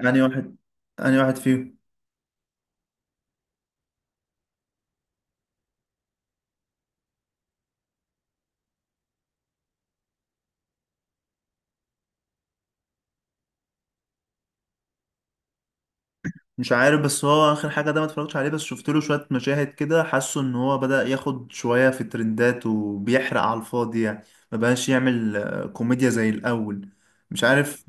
يعني واحد يعني واحد فيهم. مش عارف، بس هو اخر حاجه ده ما اتفرجتش عليه، بس شفت له شويه مشاهد كده، حاسه ان هو بدأ ياخد شويه في الترندات وبيحرق على الفاضي يعني. ما بقاش يعمل كوميديا زي الاول. مش عارف.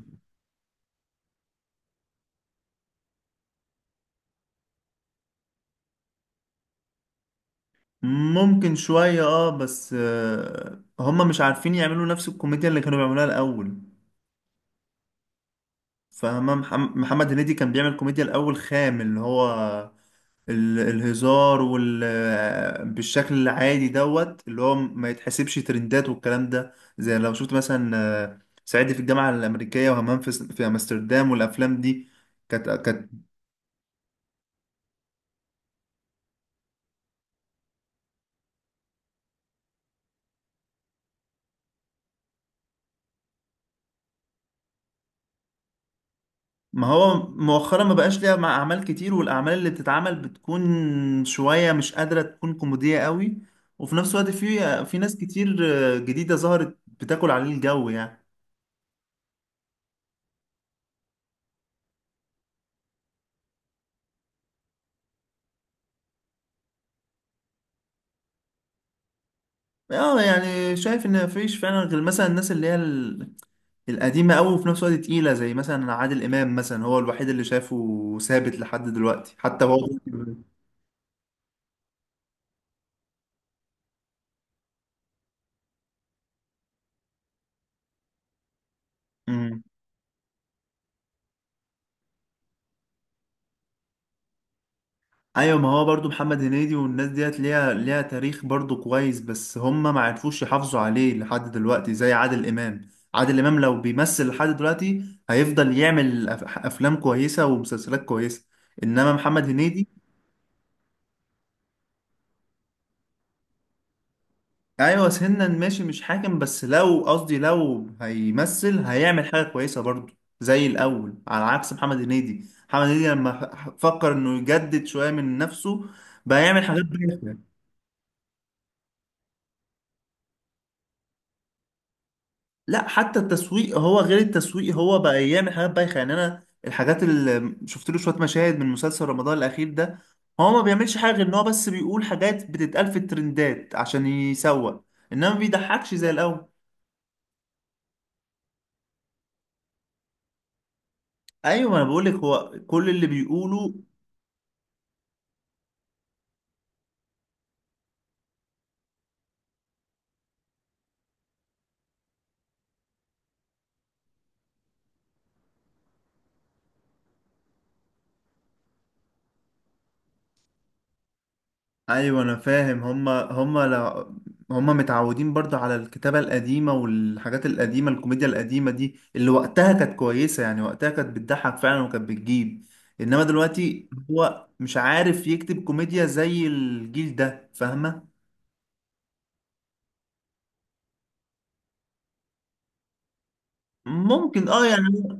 ممكن شويه اه، بس هما مش عارفين يعملوا نفس الكوميديا اللي كانوا بيعملوها الاول. فاهمة؟ محمد هنيدي كان بيعمل كوميديا الاول خام، اللي هو الهزار بالشكل العادي دوت، اللي هو ما يتحسبش ترندات والكلام ده. زي لو شفت مثلا صعيدي في الجامعة الأمريكية، وهمام في أمستردام، والأفلام دي كانت. ما هو مؤخرا ما بقاش ليها مع أعمال كتير، والأعمال اللي بتتعمل بتكون شوية مش قادرة تكون كوميدية قوي، وفي نفس الوقت في ناس كتير جديدة ظهرت بتاكل عليه الجو يعني. اه، يعني شايف ان مفيش فعلا غير مثلا الناس اللي هي القديمة أوي، وفي نفس الوقت تقيلة، زي مثلا عادل إمام، مثلا هو الوحيد اللي شافه ثابت لحد دلوقتي حتى هو. امم. أيوة، ما هو برضو محمد هنيدي والناس ديت ليها تاريخ برضو كويس، بس هم ما عرفوش يحافظوا عليه لحد دلوقتي زي عادل إمام. عادل إمام لو بيمثل لحد دلوقتي هيفضل يعمل أفلام كويسة ومسلسلات كويسة. إنما محمد هنيدي، ايوه سنا ماشي مش حاكم، بس لو قصدي لو هيمثل هيعمل حاجه كويسه برضه زي الاول، على عكس محمد هنيدي. محمد هنيدي لما فكر انه يجدد شويه من نفسه بقى يعمل حاجات بايخه. لا، حتى التسويق، هو غير التسويق، هو بقى يعمل حاجات بايخه يعني. انا الحاجات اللي شفت له شويه مشاهد من مسلسل رمضان الاخير ده، هو ما بيعملش حاجه غير ان هو بس بيقول حاجات بتتقال في الترندات عشان يسوق، انما ما بيضحكش زي الاول. ايوه، ما انا بقول لك، هو كل اللي بيقوله. ايوه، انا فاهم. هما لا، هما متعودين برضو على الكتابة القديمة والحاجات القديمة، الكوميديا القديمة دي اللي وقتها كانت كويسة يعني، وقتها كانت بتضحك فعلا وكانت بتجيب، انما دلوقتي هو مش عارف يكتب كوميديا زي الجيل ده. فاهمة؟ ممكن اه يعني.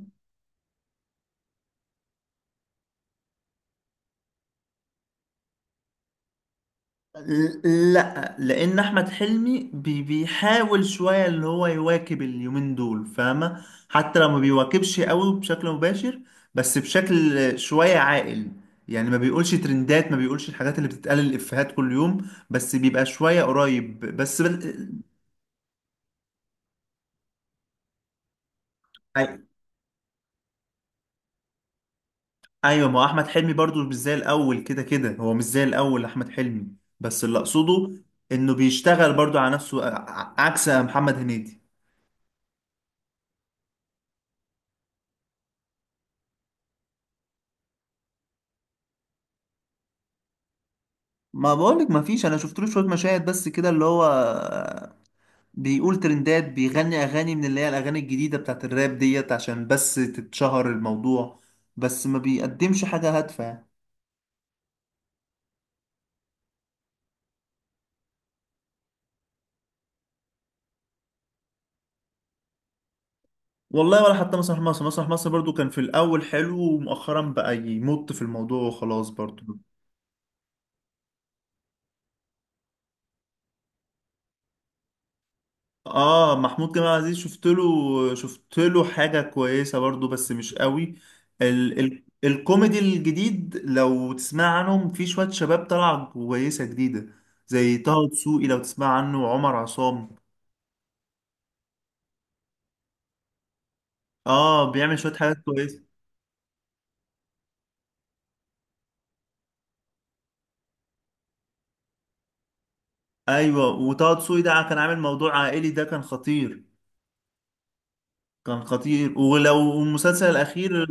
لا، لان احمد حلمي بي بيحاول شويه اللي هو يواكب اليومين دول، فاهمه؟ حتى لو ما بيواكبش قوي بشكل مباشر، بس بشكل شويه عاقل يعني. ما بيقولش ترندات، ما بيقولش الحاجات اللي بتتقال الافيهات كل يوم، بس بيبقى شويه قريب، بس أي- ايوه، ما هو احمد حلمي برضو مش زي الاول، كده كده هو مش زي الاول احمد حلمي، بس اللي اقصده انه بيشتغل برضو على نفسه، عكس محمد هنيدي. ما بقولك ما فيش، انا شفت له شويه مشاهد بس كده، اللي هو بيقول ترندات، بيغني اغاني من اللي هي الاغاني الجديده بتاعت الراب ديت عشان بس تتشهر الموضوع، بس ما بيقدمش حاجه هادفه يعني. والله ولا حتى مسرح مصر. مسرح مصر برضو كان في الاول حلو، ومؤخرا بقى يمط في الموضوع وخلاص برضو. اه، محمود جمال عزيز، شفت له حاجة كويسة برضو بس مش قوي. ال ال الكوميدي الجديد لو تسمع عنهم، في شوية شباب طالعة كويسة جديدة زي طه دسوقي لو تسمع عنه، وعمر عصام. اه، بيعمل شوية حاجات كويسة. ايوه، وطه دسوقي ده كان عامل موضوع عائلي، ده كان خطير. كان خطير. ولو المسلسل الأخير،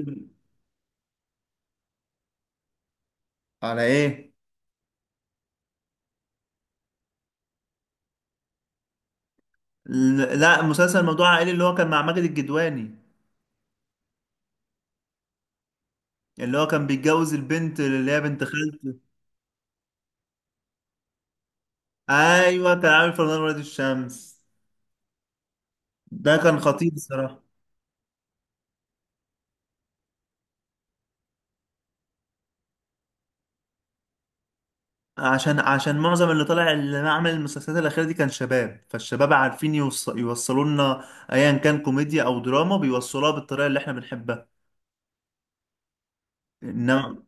على ايه؟ لا، مسلسل موضوع عائلي اللي هو كان مع ماجد الكدواني، اللي هو كان بيتجوز البنت اللي هي بنت خالته. ايوه، كان عامل فنان ولاد الشمس. ده كان خطير الصراحه. عشان عشان معظم اللي طالع اللي عمل المسلسلات الاخيره دي كان شباب، فالشباب عارفين يوصلوا لنا ايا كان كوميديا او دراما، بيوصلوها بالطريقه اللي احنا بنحبها. انما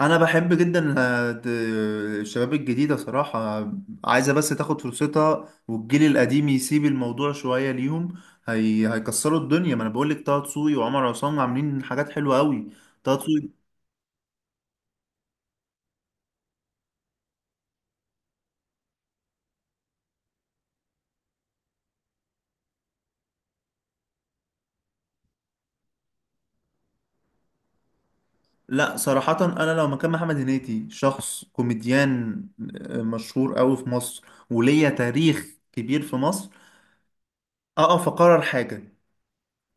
انا بحب جدا الشباب الجديده صراحه، عايزه بس تاخد فرصتها، والجيل القديم يسيب الموضوع شويه ليهم. هيكسروا الدنيا، ما انا بقول لك طه دسوقي وعمر عصام عاملين حاجات حلوه قوي. طه دسوقي. لا صراحة، أنا لو مكان محمد هنيدي شخص كوميديان مشهور أوي في مصر، وليا تاريخ كبير في مصر، أقف أقرر حاجة.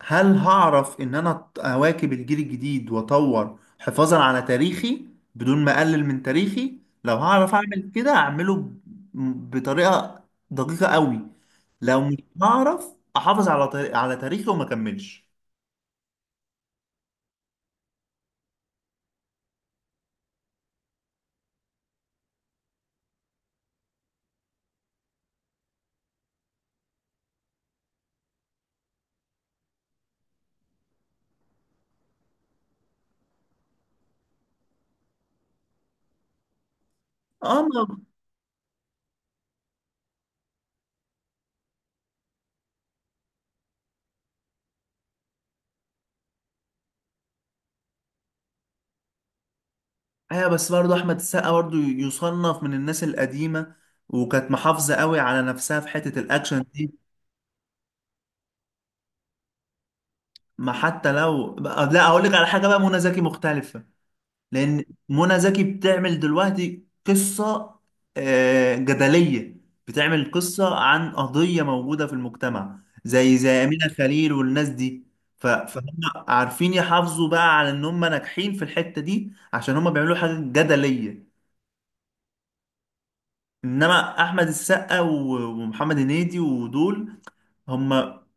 هل هعرف إن أنا أواكب الجيل الجديد وأطور حفاظا على تاريخي بدون ما أقلل من تاريخي؟ لو هعرف أعمل كده أعمله بطريقة دقيقة أوي، لو مش هعرف أحافظ على تاريخي وما أكملش. اه، ايوه، بس برضه احمد السقا برضه يصنف من الناس القديمه، وكانت محافظه قوي على نفسها في حته الاكشن دي. ما حتى لو لا، اقول لك على حاجه، بقى منى زكي مختلفه، لان منى زكي بتعمل دلوقتي قصه جدليه، بتعمل قصه عن قضيه موجوده في المجتمع زي زي امينه خليل والناس دي. فهم عارفين يحافظوا بقى على ان هم ناجحين في الحته دي عشان هم بيعملوا حاجه جدليه. انما احمد السقا ومحمد هنيدي ودول، هم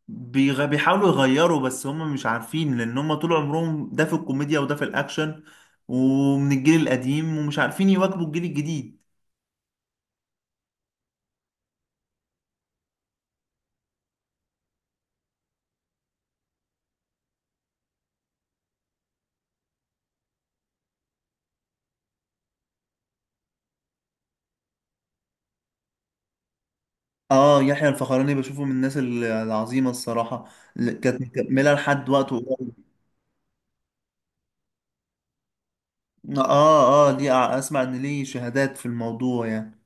بيحاولوا يغيروا، بس هم مش عارفين، لان هم طول عمرهم ده في الكوميديا وده في الاكشن، ومن الجيل القديم، ومش عارفين يواكبوا الجيل الجديد. اه، يحيى الفخراني بشوفه من الناس العظيمة الصراحة، اللي كانت مكملة لحد وقته قريب. اه اه، دي اسمع ان ليه شهادات في الموضوع يعني.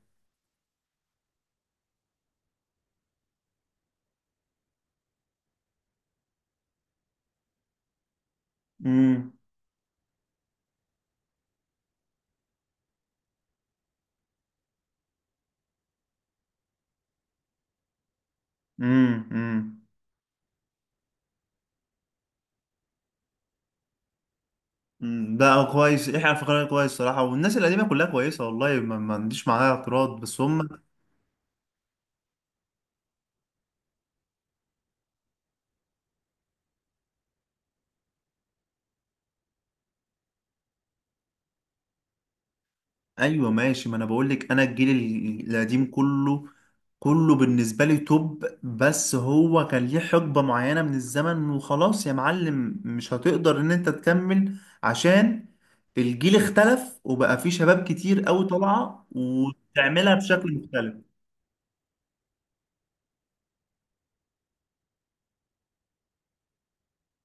امم. امم. مم. ده كويس، يحيى الفخراني كويس صراحة، والناس القديمة كلها كويسة، والله ما عنديش معاها اعتراض، بس هم. ايوه ماشي، ما انا بقول لك، انا الجيل القديم كله، كله بالنسبة لي توب، بس هو كان ليه حقبة معينة من الزمن، وخلاص يا معلم، مش هتقدر ان انت تكمل عشان الجيل اختلف، وبقى فيه شباب كتير قوي طالعة وتعملها بشكل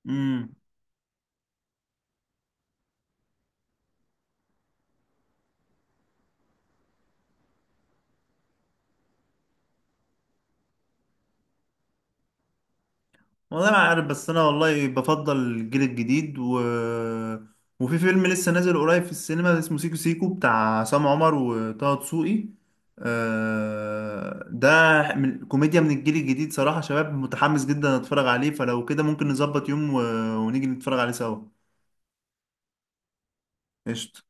مختلف. والله ما عارف، بس انا والله بفضل الجيل الجديد وفي فيلم لسه نازل قريب في السينما اسمه سيكو سيكو بتاع عصام عمر وطه دسوقي ده من كوميديا من الجيل الجديد صراحة، شباب متحمس جدا، اتفرج عليه. فلو كده ممكن نظبط يوم ونيجي نتفرج عليه سوا. قشطة.